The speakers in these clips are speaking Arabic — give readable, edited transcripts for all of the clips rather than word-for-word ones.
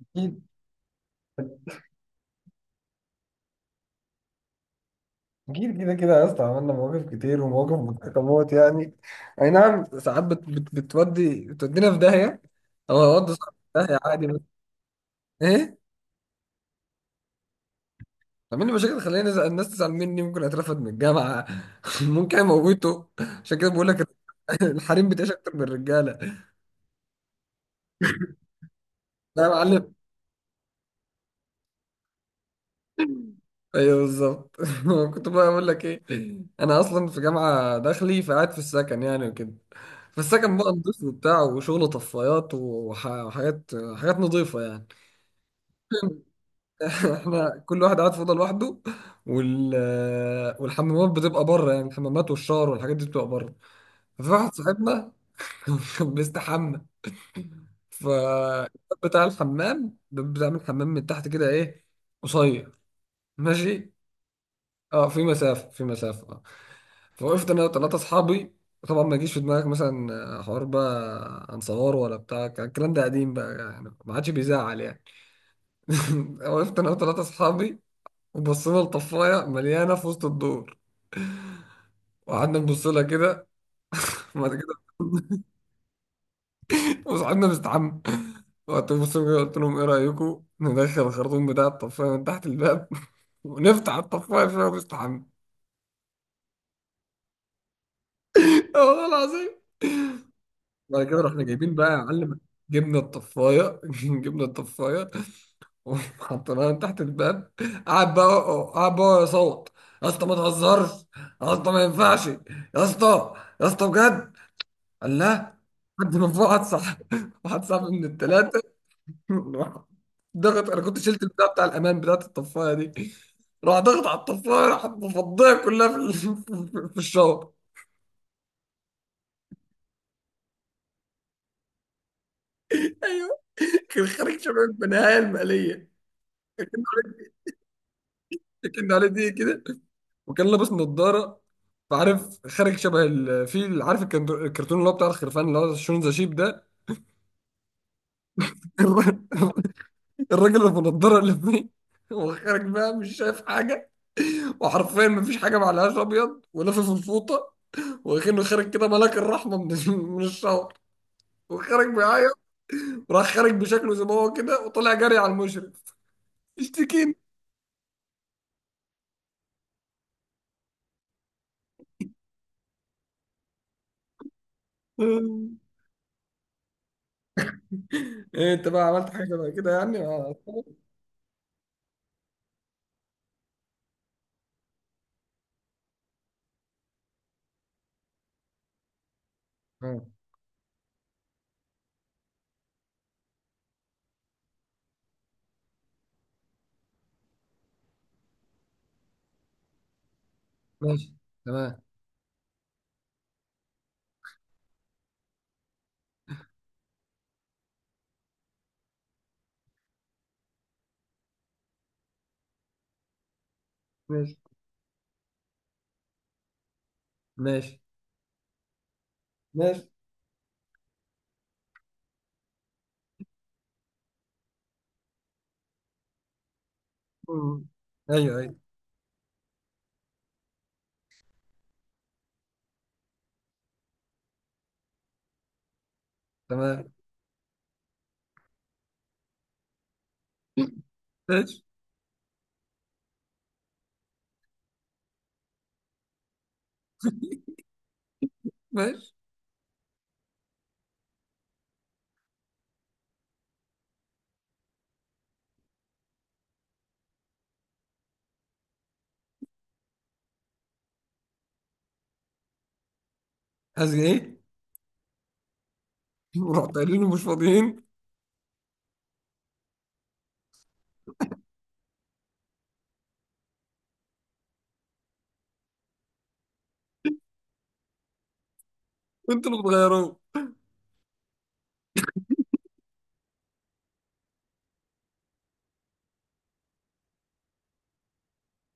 أكيد أكيد كده كده يا اسطى، عملنا مواقف كتير ومواقف متحكمات يعني. أي نعم، ساعات بت بت بتودي بتودينا في داهية أو هودي صاحبي في داهية عادي بس. إيه؟ عامل لي مشاكل، خليني الناس تزعل مني، ممكن أترفد من الجامعة ممكن أموته. عشان كده بقول لك الحريم بتعيش أكتر من الرجالة. لا يا معلم. ايوه بالظبط كنت بقى اقول لك ايه؟ انا اصلا في جامعه داخلي، فقاعد في السكن يعني وكده. فالسكن بقى نضيف وبتاع وشغل طفايات وحاجات، حاجات نضيفه يعني. احنا كل واحد قاعد في اوضه لوحده، وال والحمامات بتبقى بره يعني، الحمامات والشاور والحاجات دي بتبقى بره. ففي واحد صاحبنا كان بيستحمى. ف بتاع الحمام بتعمل حمام من تحت كده، ايه، قصير. ماشي. اه في مسافه، في مسافه. فوقفت انا وثلاثه اصحابي. طبعا ما يجيش في دماغك مثلا حوار بقى هنصور ولا بتاع، كان الكلام ده قديم بقى يعني، ما عادش بيزعل يعني. وقفت انا وثلاثه اصحابي، وبصينا لطفايه مليانه في وسط الدور، وقعدنا نبص لها كده. وبعد كده وصاحبنا مستحمى. وقت بص كده، قلت لهم ايه رايكم ندخل الخرطوم بتاع الطفايه من تحت الباب ونفتح الطفايه فيها مستحمى. والله العظيم. بعد كده رحنا جايبين بقى يا معلم، جبنا الطفايه جبنا الطفايه، حطيناه تحت الباب. قعد بقى، قعد بقى يصوت: يا اسطى ما تهزرش، يا اسطى ما ينفعش يا اسطى، يا اسطى بجد. قال لا. حد من فوق، واحد صاحب واحد صاحب من الثلاثه ضغط. انا كنت شلت البتاع بتاع الامان بتاعت الطفايه دي. راح ضغط على الطفايه، راح مفضيه كلها في في الشاور. ايوه. كان خارج شباب بنهايه الماليه. كان عليه كان عليه دي كده، وكان لابس نظارة. فعارف خارج شبه الفيل، عارف الكرتون اللي هو بتاع الخرفان اللي هو شون ذا شيب ده الر- الراجل اللي بنضاره اللي فيه. وخارج بقى مش شايف حاجة، وحرفيا مفيش حاجة. معلهاش، أبيض ولافف الفوطة، وكأنه خارج كده ملاك الرحمة من من الشهر، وخارج بيعيط. وراح خارج بشكله زي ما هو كده، وطلع جري على المشرف، اشتكيني. ايه انت بقى عملت حاجة بقى كده يعني مع أصحابك؟ آه. ماشي. تمام. ماشي. ماشي. ماشي. مم. ايوه ايوه. تمام. ماشي. ماشي. عايز ايه؟ ورحت قايلين له مش فاضيين. انتوا اللي بتغيروه.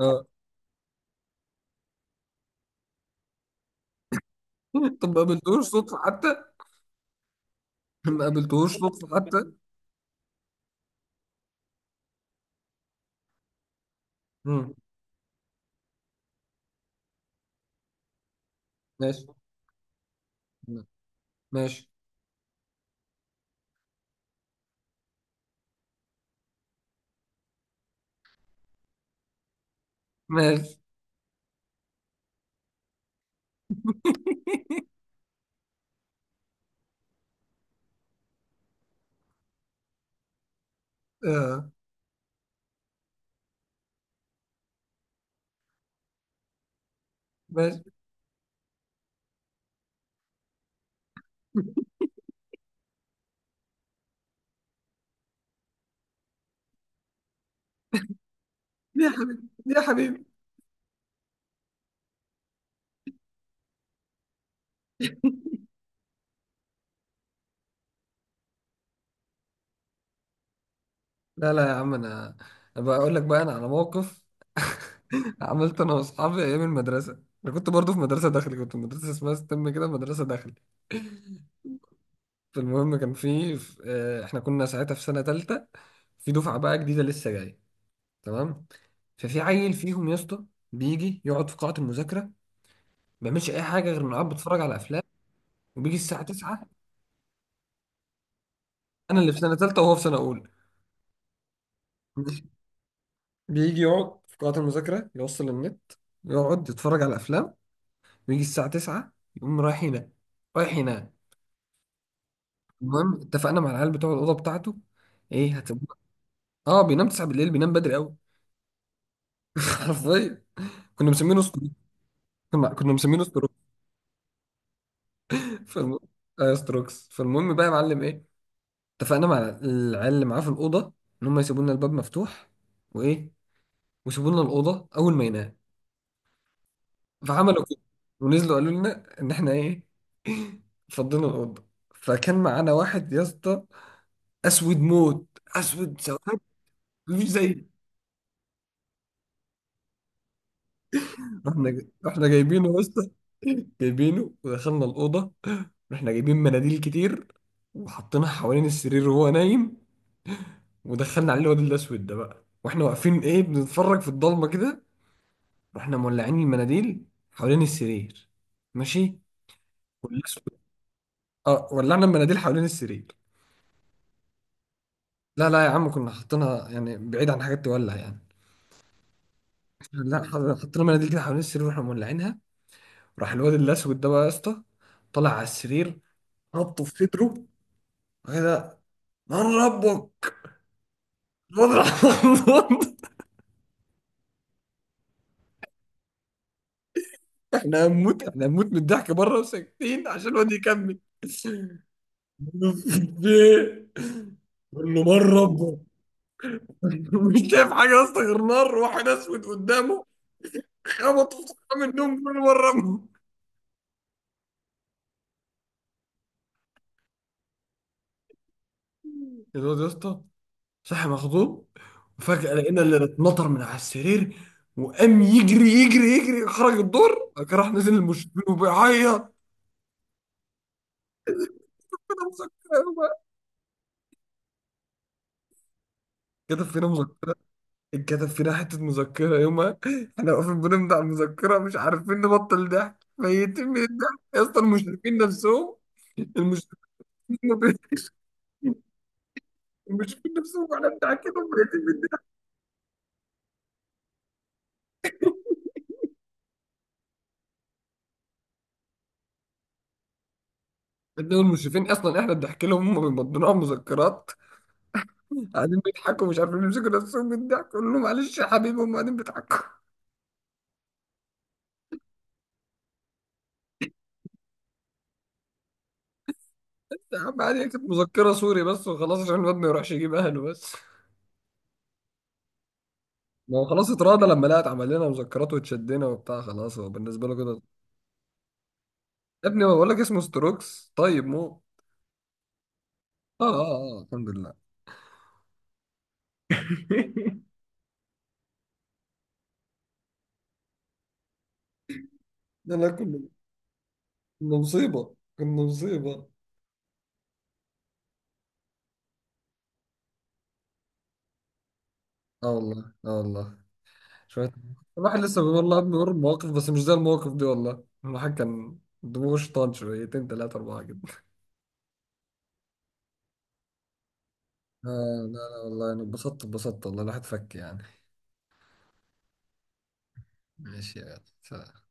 اه. طب ما قابلتوش صدفة حتى؟ ما قابلتوش صدفة حتى؟ مم. ماشي. ماشي. ماشي. اه. ماشي. ليه يا حبيبي، ليه يا حبيبي. لا لا يا عم انا، أبقى اقول لك بقى انا على موقف. عملت انا واصحابي ايام المدرسة. انا كنت برضو في مدرسة داخلي، كنت في مدرسة اسمها ستم كده، مدرسة داخلي. فالمهم كان احنا كنا ساعتها في سنة تالتة، في دفعة بقى جديدة لسه جاية. تمام. ففي عيل فيهم يا اسطى بيجي يقعد في قاعة المذاكرة، ما بيعملش أي حاجة غير إنه قاعد بيتفرج على أفلام، وبيجي الساعة 9. أنا اللي في سنة تالتة وهو في سنة أولى. بيجي يقعد في قاعة المذاكرة، يوصل النت، يقعد يتفرج على أفلام، ويجي الساعة 9 يقوم رايح ينام، رايح ينام. المهم اتفقنا مع العيال بتوع الأوضة بتاعته إيه هتبقى. آه بينام 9 بالليل، بينام بدري أوي. حرفيا. كنا مسمينه كنا مسمينه ستروكس. فالم... ايوه ستروكس. فالمهم بقى يا معلم ايه، اتفقنا مع العيال اللي معاه في الاوضه ان هم يسيبوا لنا الباب مفتوح، وايه، ويسيبوا لنا الاوضه اول ما ينام. فعملوا كده، ونزلوا قالوا لنا ان احنا ايه. فضينا الاوضه. فكان معانا واحد يا اسطى، اسود موت، اسود سواد، مش زي. رحنا جايبينه يا اسطى، جايبينه ودخلنا الاوضه. رحنا جايبين مناديل كتير، وحطيناها حوالين السرير وهو نايم. ودخلنا عليه الواد الاسود ده بقى، واحنا واقفين ايه بنتفرج في الضلمه كده. رحنا مولعين المناديل حوالين السرير. ماشي. والاسود. اه، ولعنا المناديل حوالين السرير. لا لا يا عم، كنا حاطينها يعني بعيد عن حاجات تولع يعني. لا حطينا مناديل كده حوالين السرير واحنا مولعينها. راح الواد الاسود ده بقى يا اسطى طلع على السرير، ربطه في صدره كده، من ربك، الواد راح احنا هنموت احنا هنموت من الضحك بره، وساكتين عشان الواد يكمل كل نار ربه. مش شايف حاجه يا اسطى غير نار، واحد اسود قدامه، خبطه في صحن من النوم كل مره ربه. الواد يا اسطى صحي مخضوب، وفجاه لقينا اللي اتنطر من على السرير، وقام يجري يجري يجري، خرج الدور، راح نزل المشرفين وبيعيط. كده فينا مسكره يابا، كده فينا مسكره، اتكتب فينا حتة مذكرة يومها. احنا واقفين بنمضي على المذكرة مش عارفين نبطل ضحك، ميتين من الضحك يا اسطى، المشرفين نفسهم المشرفين ما بيضحكش. المشرفين نفسهم، واحنا بنضحك لهم ميتين من الضحك. إنهم المشرفين اصلا احنا بنضحك لهم، هم بيمضونا على المذكرات، قاعدين بيضحكوا مش عارفين يمسكوا نفسهم من الضحك، قول لهم معلش يا حبيبي هم قاعدين بيضحكوا. يا عم عادي، كانت مذكرة سوري بس وخلاص عشان الواد ما يروحش يجيب اهله بس. ما هو خلاص اتراضى لما لقت عمل لنا مذكرات واتشدنا وبتاع خلاص، هو بالنسبة له كده. يا ابني هو بقول لك اسمه ستروكس طيب مو. اه اه اه الحمد لله. لا لا كنا مصيبة، كنا مصيبة. اه والله، اه والله. شوية. الواحد لسه بيقول والله يا ابني قرب مواقف بس مش زي المواقف دي والله، الواحد كان دماغه شيطان، شويتين تلاتة أربعة كده. آه. لا لا والله أنا اتبسطت اتبسطت، والله الواحد فك يعني. ماشي يا غالي. سلام.